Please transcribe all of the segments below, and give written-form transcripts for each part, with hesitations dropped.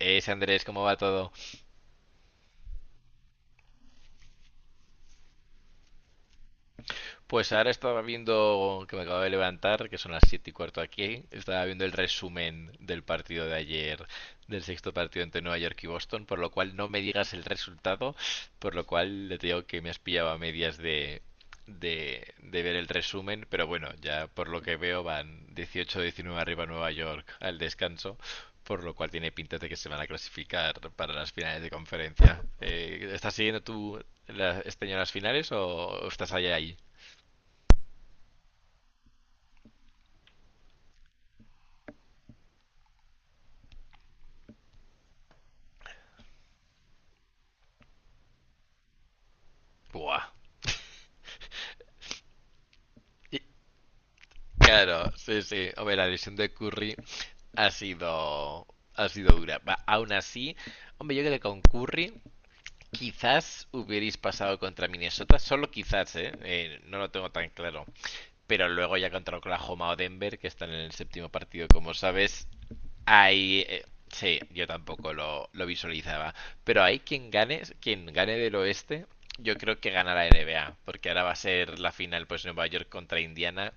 Es Andrés, ¿cómo va todo? Pues ahora estaba viendo, que me acabo de levantar, que son las 7:15 aquí, estaba viendo el resumen del partido de ayer, del sexto partido entre Nueva York y Boston, por lo cual no me digas el resultado, por lo cual le digo que me has pillado a medias de ver el resumen, pero bueno, ya por lo que veo van 18, 19 arriba Nueva York al descanso, por lo cual tiene pinta de que se van a clasificar para las finales de conferencia. Estás siguiendo tú este año las finales o estás allá ahí? Buah. Y, claro, sí, sí. Hombre, la lesión de Curry ha sido, ha sido dura. Va, aún así, hombre, yo creo que con Curry quizás hubierais pasado contra Minnesota, solo quizás, ¿eh? No lo tengo tan claro. Pero luego ya contra Oklahoma o Denver, que están en el séptimo partido, como sabes, hay... sí, yo tampoco lo visualizaba. Pero hay quien gane del oeste, yo creo que gana la NBA, porque ahora va a ser la final, pues Nueva York contra Indiana.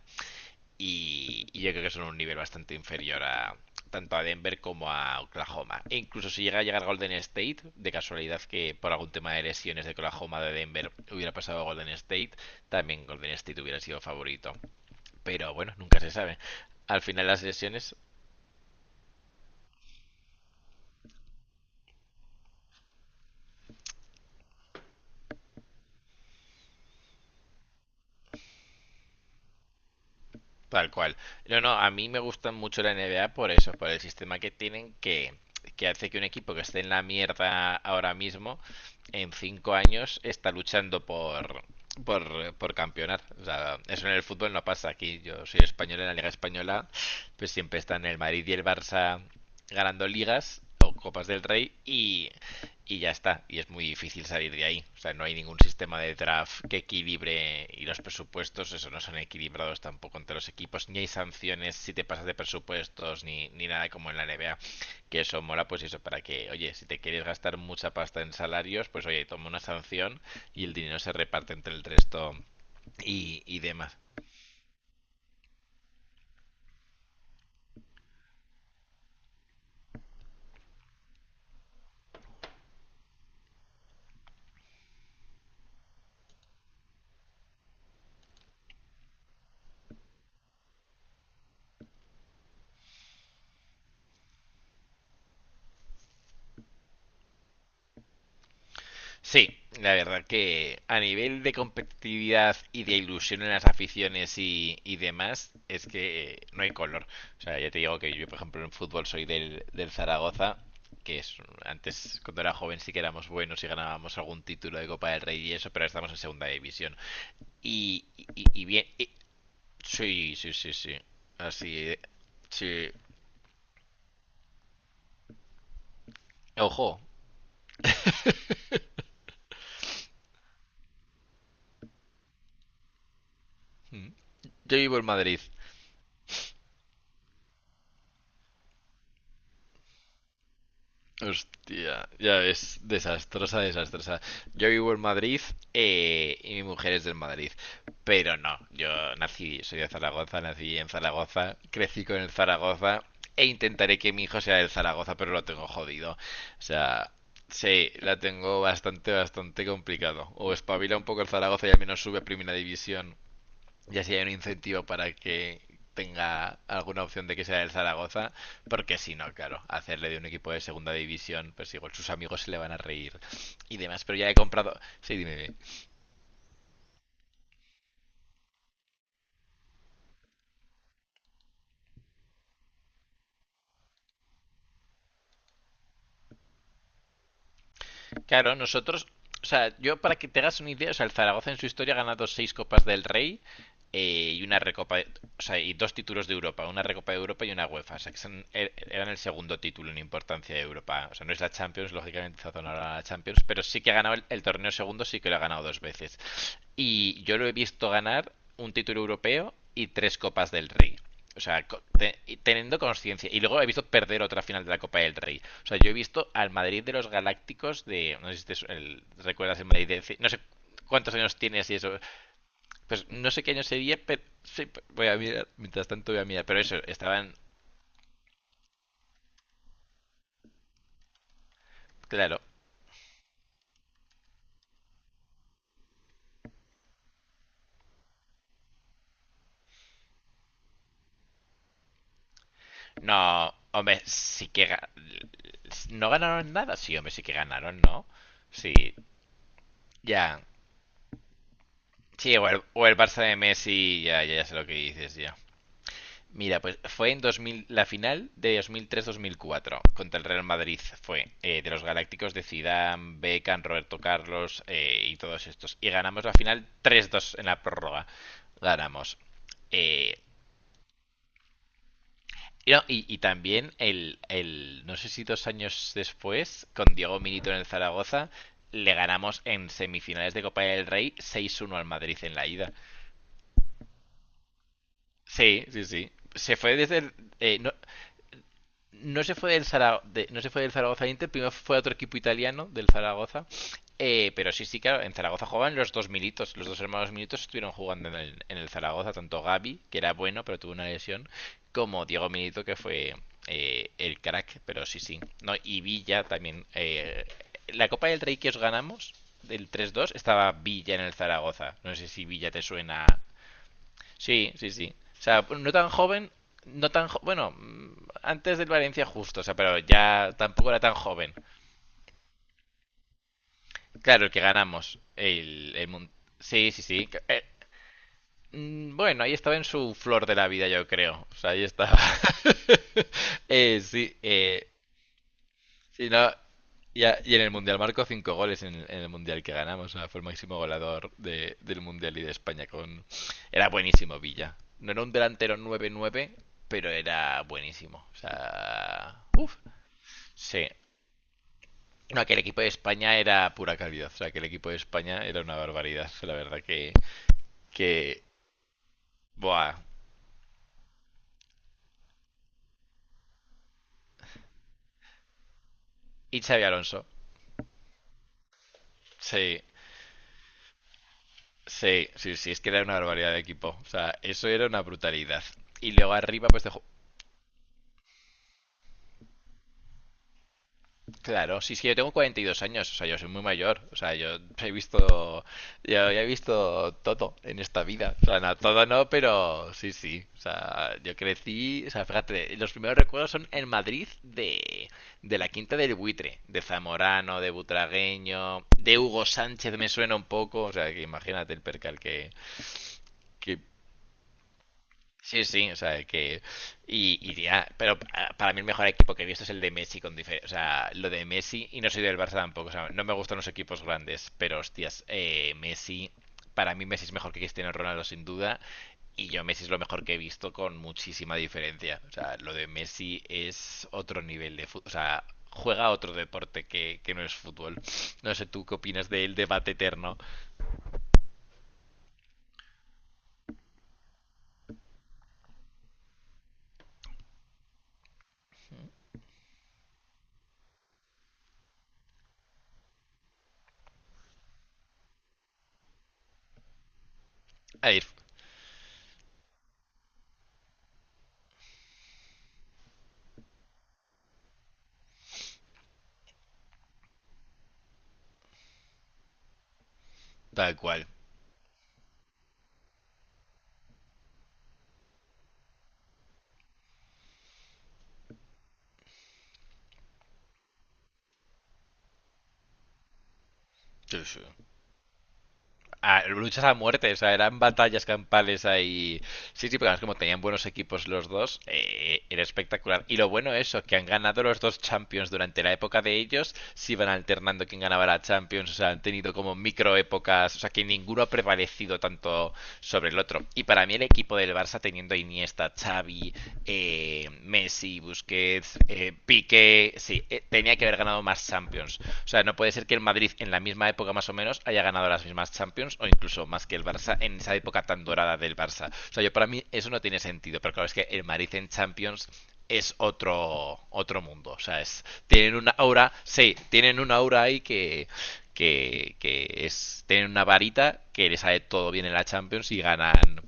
Y yo creo que son un nivel bastante inferior a tanto a Denver como a Oklahoma. E incluso si llega a llegar Golden State, de casualidad que por algún tema de lesiones de Oklahoma de Denver hubiera pasado a Golden State, también Golden State hubiera sido favorito. Pero bueno, nunca se sabe. Al final las lesiones. Tal cual. No, no, a mí me gustan mucho la NBA por eso, por el sistema que tienen que hace que un equipo que esté en la mierda ahora mismo, en 5 años, está luchando por campeonar. O sea, eso en el fútbol no pasa. Aquí yo soy español en la Liga Española, pues siempre están el Madrid y el Barça ganando ligas o Copas del Rey y ya está. Y es muy difícil salir de ahí. O sea, no hay ningún sistema de draft que equilibre y los presupuestos, eso no son equilibrados tampoco entre los equipos. Ni hay sanciones si te pasas de presupuestos, ni nada como en la NBA. Que eso mola, pues eso, para que, oye, si te quieres gastar mucha pasta en salarios, pues oye, toma una sanción y el dinero se reparte entre el resto y demás. Sí, la verdad que a nivel de competitividad y de ilusión en las aficiones y demás, es que no hay color. O sea, ya te digo que yo, por ejemplo, en fútbol soy del Zaragoza, que es antes, cuando era joven, sí que éramos buenos y ganábamos algún título de Copa del Rey y eso, pero ahora estamos en segunda división. Y bien, sí, sí, sí, sí. Así, sí. Ojo, yo vivo en Madrid. Hostia, ya es desastrosa, desastrosa. Yo vivo en Madrid y mi mujer es del Madrid, pero no, yo nací, soy de Zaragoza, nací en Zaragoza, crecí con el Zaragoza e intentaré que mi hijo sea del Zaragoza, pero lo tengo jodido. O sea, sí, la tengo bastante, bastante complicado. O espabila un poco el Zaragoza y al menos sube a Primera División, y así hay un incentivo para que tenga alguna opción de que sea del Zaragoza, porque si no, claro, hacerle de un equipo de segunda división, pues igual sus amigos se le van a reír y demás. Pero ya he comprado. Sí, dime, dime. Claro, nosotros. O sea, yo para que te hagas una idea, o sea, el Zaragoza en su historia ha ganado 6 Copas del Rey, y una recopa, o sea, y 2 títulos de Europa, una recopa de Europa y una UEFA, o sea, eran el segundo título en importancia de Europa, o sea, no es la Champions, lógicamente está ahora la Champions, pero sí que ha ganado el torneo segundo, sí que lo ha ganado 2 veces. Y yo lo he visto ganar un título europeo y 3 copas del Rey. O sea, teniendo conciencia. Y luego he visto perder otra final de la Copa del Rey. O sea, yo he visto al Madrid de los Galácticos de... No sé si recuerdas el Madrid de... No sé cuántos años tienes y eso. Pues no sé qué año sería, pero sí, voy a mirar. Mientras tanto voy a mirar. Pero eso, estaban. Claro. No, hombre, sí que. No ganaron nada. Sí, hombre, sí que ganaron, ¿no? Sí, ya. Sí, o el Barça de Messi, ya, ya, ya sé lo que dices, ya. Mira, pues fue en 2000, la final de 2003-2004 contra el Real Madrid fue de los Galácticos de Zidane, Beckham, Roberto Carlos y todos estos. Y ganamos la final 3-2 en la prórroga. Ganamos. Eh, no, y también no sé si 2 años después, con Diego Milito en el Zaragoza, le ganamos en semifinales de Copa del Rey 6-1 al Madrid en la ida. Sí, sí, sí. Se fue desde el, eh, no- no se fue no se fue del Zaragoza al Inter, primero fue a otro equipo italiano del Zaragoza. Pero sí, sí, claro, en Zaragoza jugaban los dos militos, los dos hermanos militos estuvieron jugando en el Zaragoza, tanto Gaby, que era bueno, pero tuvo una lesión, como Diego Milito, que fue el crack, pero sí, sí. No, y Villa también. La Copa del Rey que os ganamos, del 3-2, estaba Villa en el Zaragoza. No sé si Villa te suena. Sí, sí, sí. O sea, no tan joven, no tan jo- bueno, mm, antes del Valencia justo, o sea, pero ya tampoco era tan joven. Claro, el que ganamos, sí, sí, sí. Bueno, ahí estaba en su flor de la vida, yo creo. O sea, ahí estaba. Eh, sí, eh, Sí, no, y, y en el Mundial marcó 5 goles en el Mundial que ganamos. O sea, fue el máximo goleador del Mundial y de España con... Era buenísimo Villa. No era un delantero 9-9, pero era buenísimo. O sea... uff. Sí. No, aquel equipo de España era pura calidad. O sea, aquel equipo de España era una barbaridad. La verdad que... Buah. Y Xavi Alonso. Sí. Sí, sí, sí, es que era una barbaridad de equipo. O sea, eso era una brutalidad. Y luego arriba, pues dejó. Claro, sí, sí, yo tengo 42 años, o sea, yo soy muy mayor, o sea, yo he visto, yo ya he visto todo en esta vida, o sea, no, todo no, pero sí, sí, o sea, yo crecí, o sea, fíjate, los primeros recuerdos son en Madrid de la Quinta del Buitre, de Zamorano, de Butragueño, de Hugo Sánchez me suena un poco, o sea, que imagínate el percal que sí, sí, o sea, que. Y ya, pero para mí el mejor equipo que he visto es el de Messi, con o sea, lo de Messi, y no soy del Barça tampoco, o sea, no me gustan los equipos grandes, pero hostias, Messi, para mí Messi es mejor que Cristiano Ronaldo sin duda, y yo Messi es lo mejor que he visto con muchísima diferencia, o sea, lo de Messi es otro nivel de fútbol, o sea, juega otro deporte que no es fútbol. No sé, ¿tú qué opinas del debate eterno? A ver, tal cual. Sí, sí. Luchas a muerte, o sea, eran batallas campales ahí. Sí, sí, pero además como tenían buenos equipos los dos, era espectacular. Y lo bueno es eso, que han ganado los dos Champions durante la época de ellos, se iban alternando quién ganaba la Champions, o sea, han tenido como micro épocas, o sea, que ninguno ha prevalecido tanto sobre el otro. Y para mí el equipo del Barça teniendo a Iniesta, Xavi, Messi, Busquets, Piqué, sí, tenía que haber ganado más Champions. O sea, no puede ser que el Madrid en la misma época más o menos haya ganado las mismas Champions o incluso más que el Barça en esa época tan dorada del Barça. O sea, yo para mí eso no tiene sentido, pero claro, es que el Madrid en Champions es otro mundo, o sea, es tienen una aura, sí, tienen una aura ahí que es tener una varita que les sale todo bien en la Champions y ganan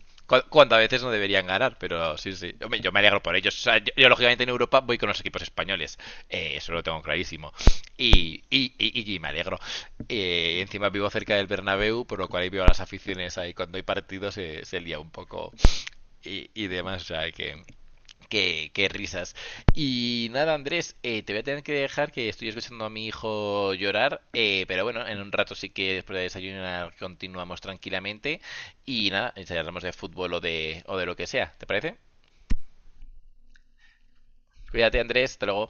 cuántas veces no deberían ganar, pero sí, sí. Yo me alegro por ellos. O sea, lógicamente, en Europa voy con los equipos españoles. Eso lo tengo clarísimo. Y me alegro. Encima vivo cerca del Bernabéu, por lo cual ahí veo a las aficiones ahí. Cuando hay partidos se lía un poco y demás. O sea, que qué, qué risas. Y nada, Andrés, te voy a tener que dejar que estoy escuchando a mi hijo llorar, pero bueno, en un rato sí que después de desayunar continuamos tranquilamente y nada, charlamos de fútbol o de lo que sea, ¿te parece? Cuídate, Andrés, hasta luego.